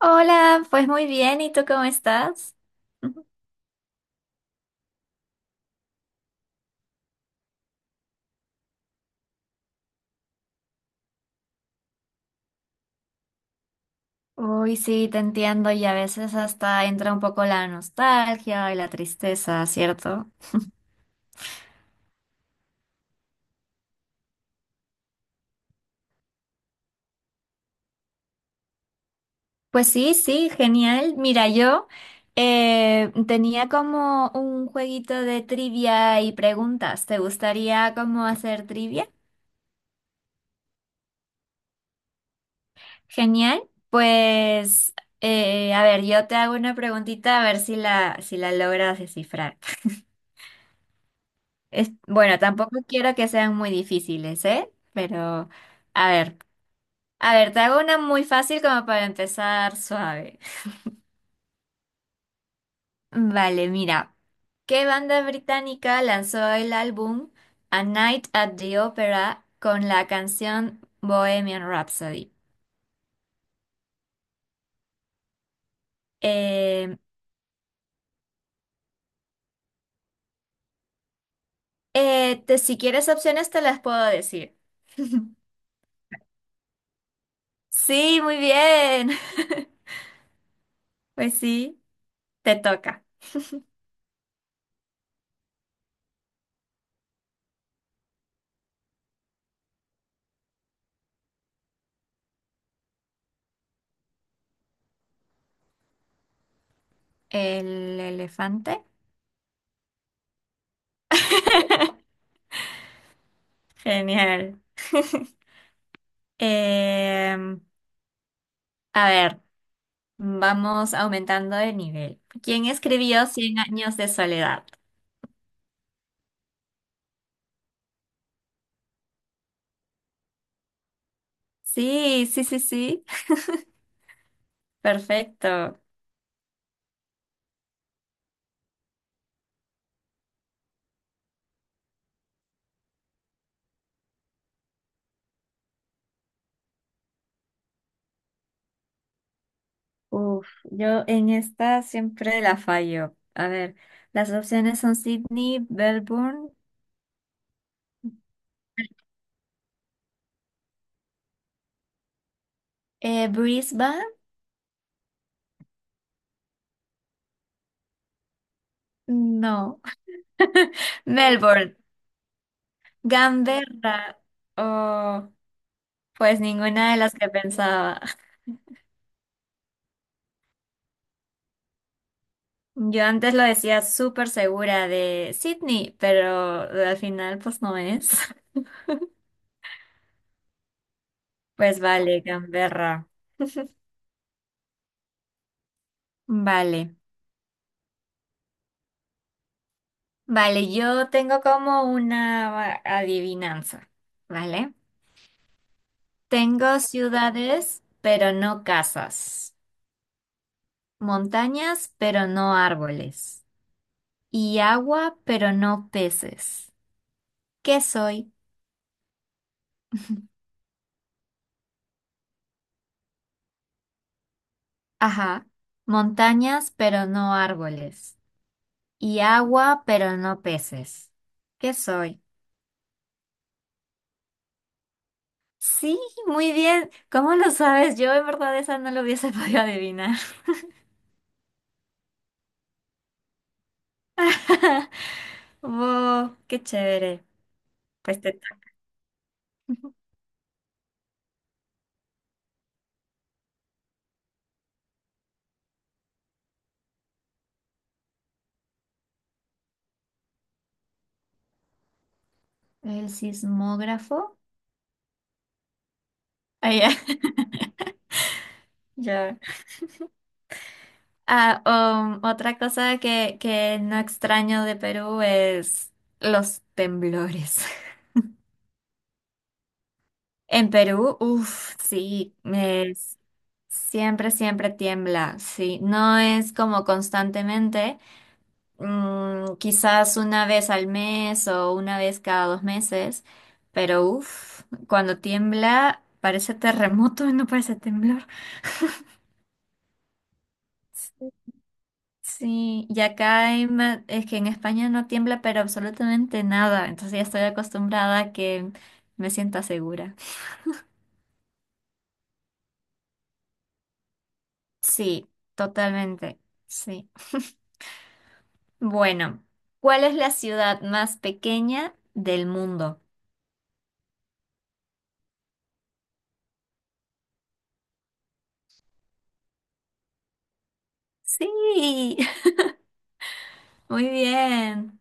Hola, pues muy bien, ¿y tú cómo estás? Uy, sí, te entiendo y a veces hasta entra un poco la nostalgia y la tristeza, ¿cierto? Pues sí, sí, genial. Mira, yo tenía como un jueguito de trivia y preguntas. ¿Te gustaría como hacer trivia? Genial. Pues, a ver, yo te hago una preguntita a ver si la logras descifrar. Es, bueno, tampoco quiero que sean muy difíciles, ¿eh? Pero, a ver, a ver, te hago una muy fácil como para empezar suave. Vale, mira. ¿Qué banda británica lanzó el álbum A Night at the Opera con la canción Bohemian Rhapsody? Eh, si quieres opciones te las puedo decir. Sí, muy bien. Pues sí, te toca. El elefante. Genial. Em, a ver, vamos aumentando de nivel. ¿Quién escribió Cien años de soledad? Sí, sí, sí, sí. Perfecto. Uf, yo en esta siempre la fallo. A ver, las opciones son Sydney, Melbourne, Brisbane, no, Melbourne, Canberra. Oh, pues ninguna de las que pensaba. Yo antes lo decía súper segura de Sydney, pero al final pues no es. Pues vale, Canberra. Vale. Vale, yo tengo como una adivinanza, ¿vale? Tengo ciudades, pero no casas. Montañas, pero no árboles. Y agua, pero no peces. ¿Qué soy? Ajá. Montañas, pero no árboles. Y agua, pero no peces. ¿Qué soy? Sí, muy bien. ¿Cómo lo sabes? Yo en verdad esa no lo hubiese podido adivinar. Wow, qué chévere. Pues te toca. El sismógrafo. Ah, ya. Ya. Ah, Otra cosa que no extraño de Perú es los temblores. En Perú, uff, sí, es, siempre, siempre tiembla, sí. No es como constantemente. Quizás una vez al mes o una vez cada 2 meses, pero uff, cuando tiembla parece terremoto, no parece temblor. Sí, y acá en es que en España no tiembla, pero absolutamente nada, entonces ya estoy acostumbrada a que me sienta segura. Sí, totalmente, sí. Bueno, ¿cuál es la ciudad más pequeña del mundo? Sí, muy bien.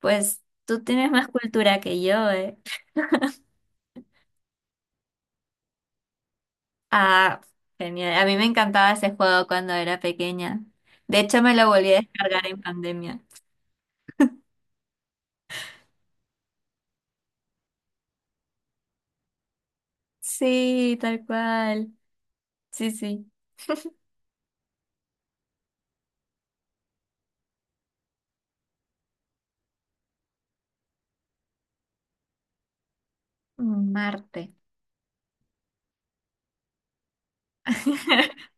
Pues tú tienes más cultura que yo, ¿eh? Ah, genial. A mí me encantaba ese juego cuando era pequeña. De hecho, me lo volví a descargar en pandemia. Sí, tal cual. Sí, sí. Marte.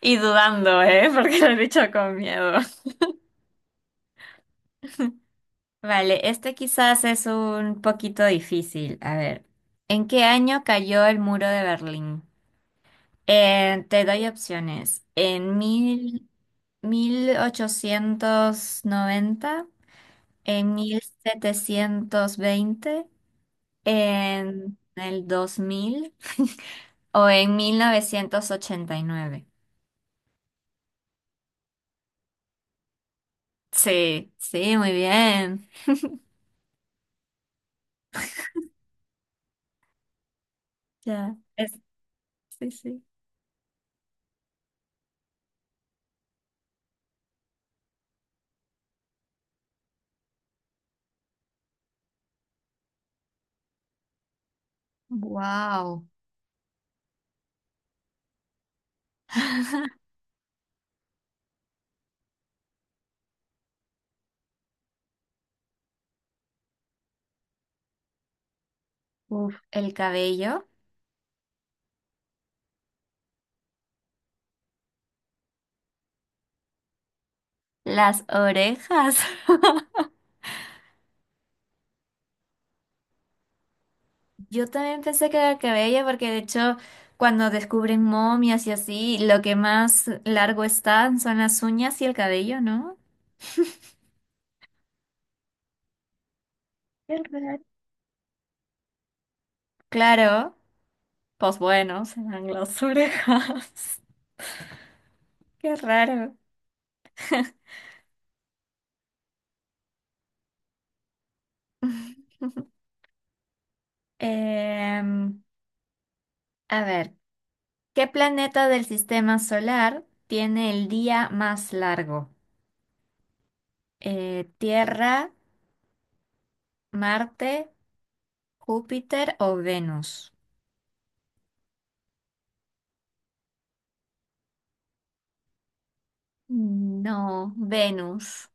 Y dudando, ¿eh? Porque lo he dicho con miedo. Vale, este quizás es un poquito difícil. A ver, ¿en qué año cayó el muro de Berlín? Te doy opciones. En mil... 1890, en 1720, en el 2000, o en 1989. Sí, sí, muy bien. Ya, es- sí, sí. Wow. Uf, el cabello, las orejas. Yo también pensé que era el cabello porque de hecho cuando descubren momias y así, lo que más largo están son las uñas y el cabello, ¿no? Qué raro. Claro, pues bueno, se dan las orejas. Qué raro. Em, a ver, ¿qué planeta del sistema solar tiene el día más largo? ¿Tierra, Marte, Júpiter o Venus? No, Venus.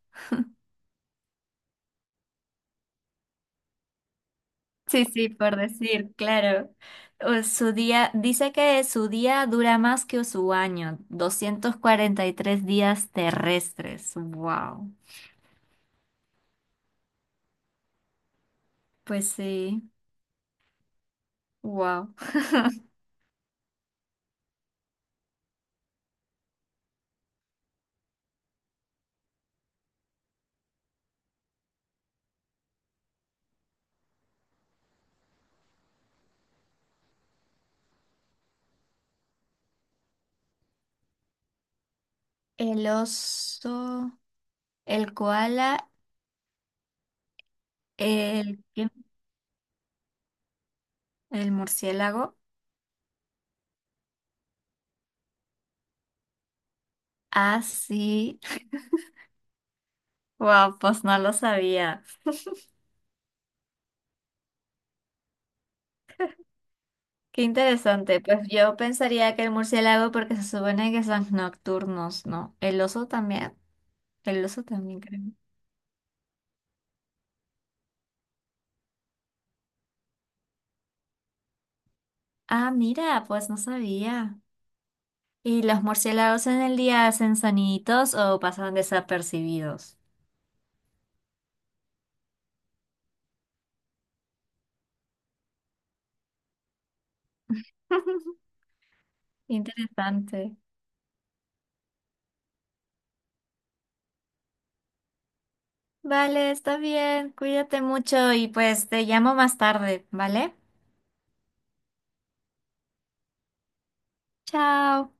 Sí, sí, por decir, claro. O su día, dice que su día dura más que su año, 243 días terrestres. Wow. Pues sí, wow. El oso, el koala, el, ¿qué? El murciélago. Ah, sí. Wow, pues no lo sabía. Qué interesante. Pues yo pensaría que el murciélago porque se supone que son nocturnos, ¿no? El oso también. El oso también creo. Ah, mira, pues no sabía. ¿Y los murciélagos en el día hacen soniditos o pasan desapercibidos? Interesante. Vale, está bien. Cuídate mucho y pues te llamo más tarde, ¿vale? Chao.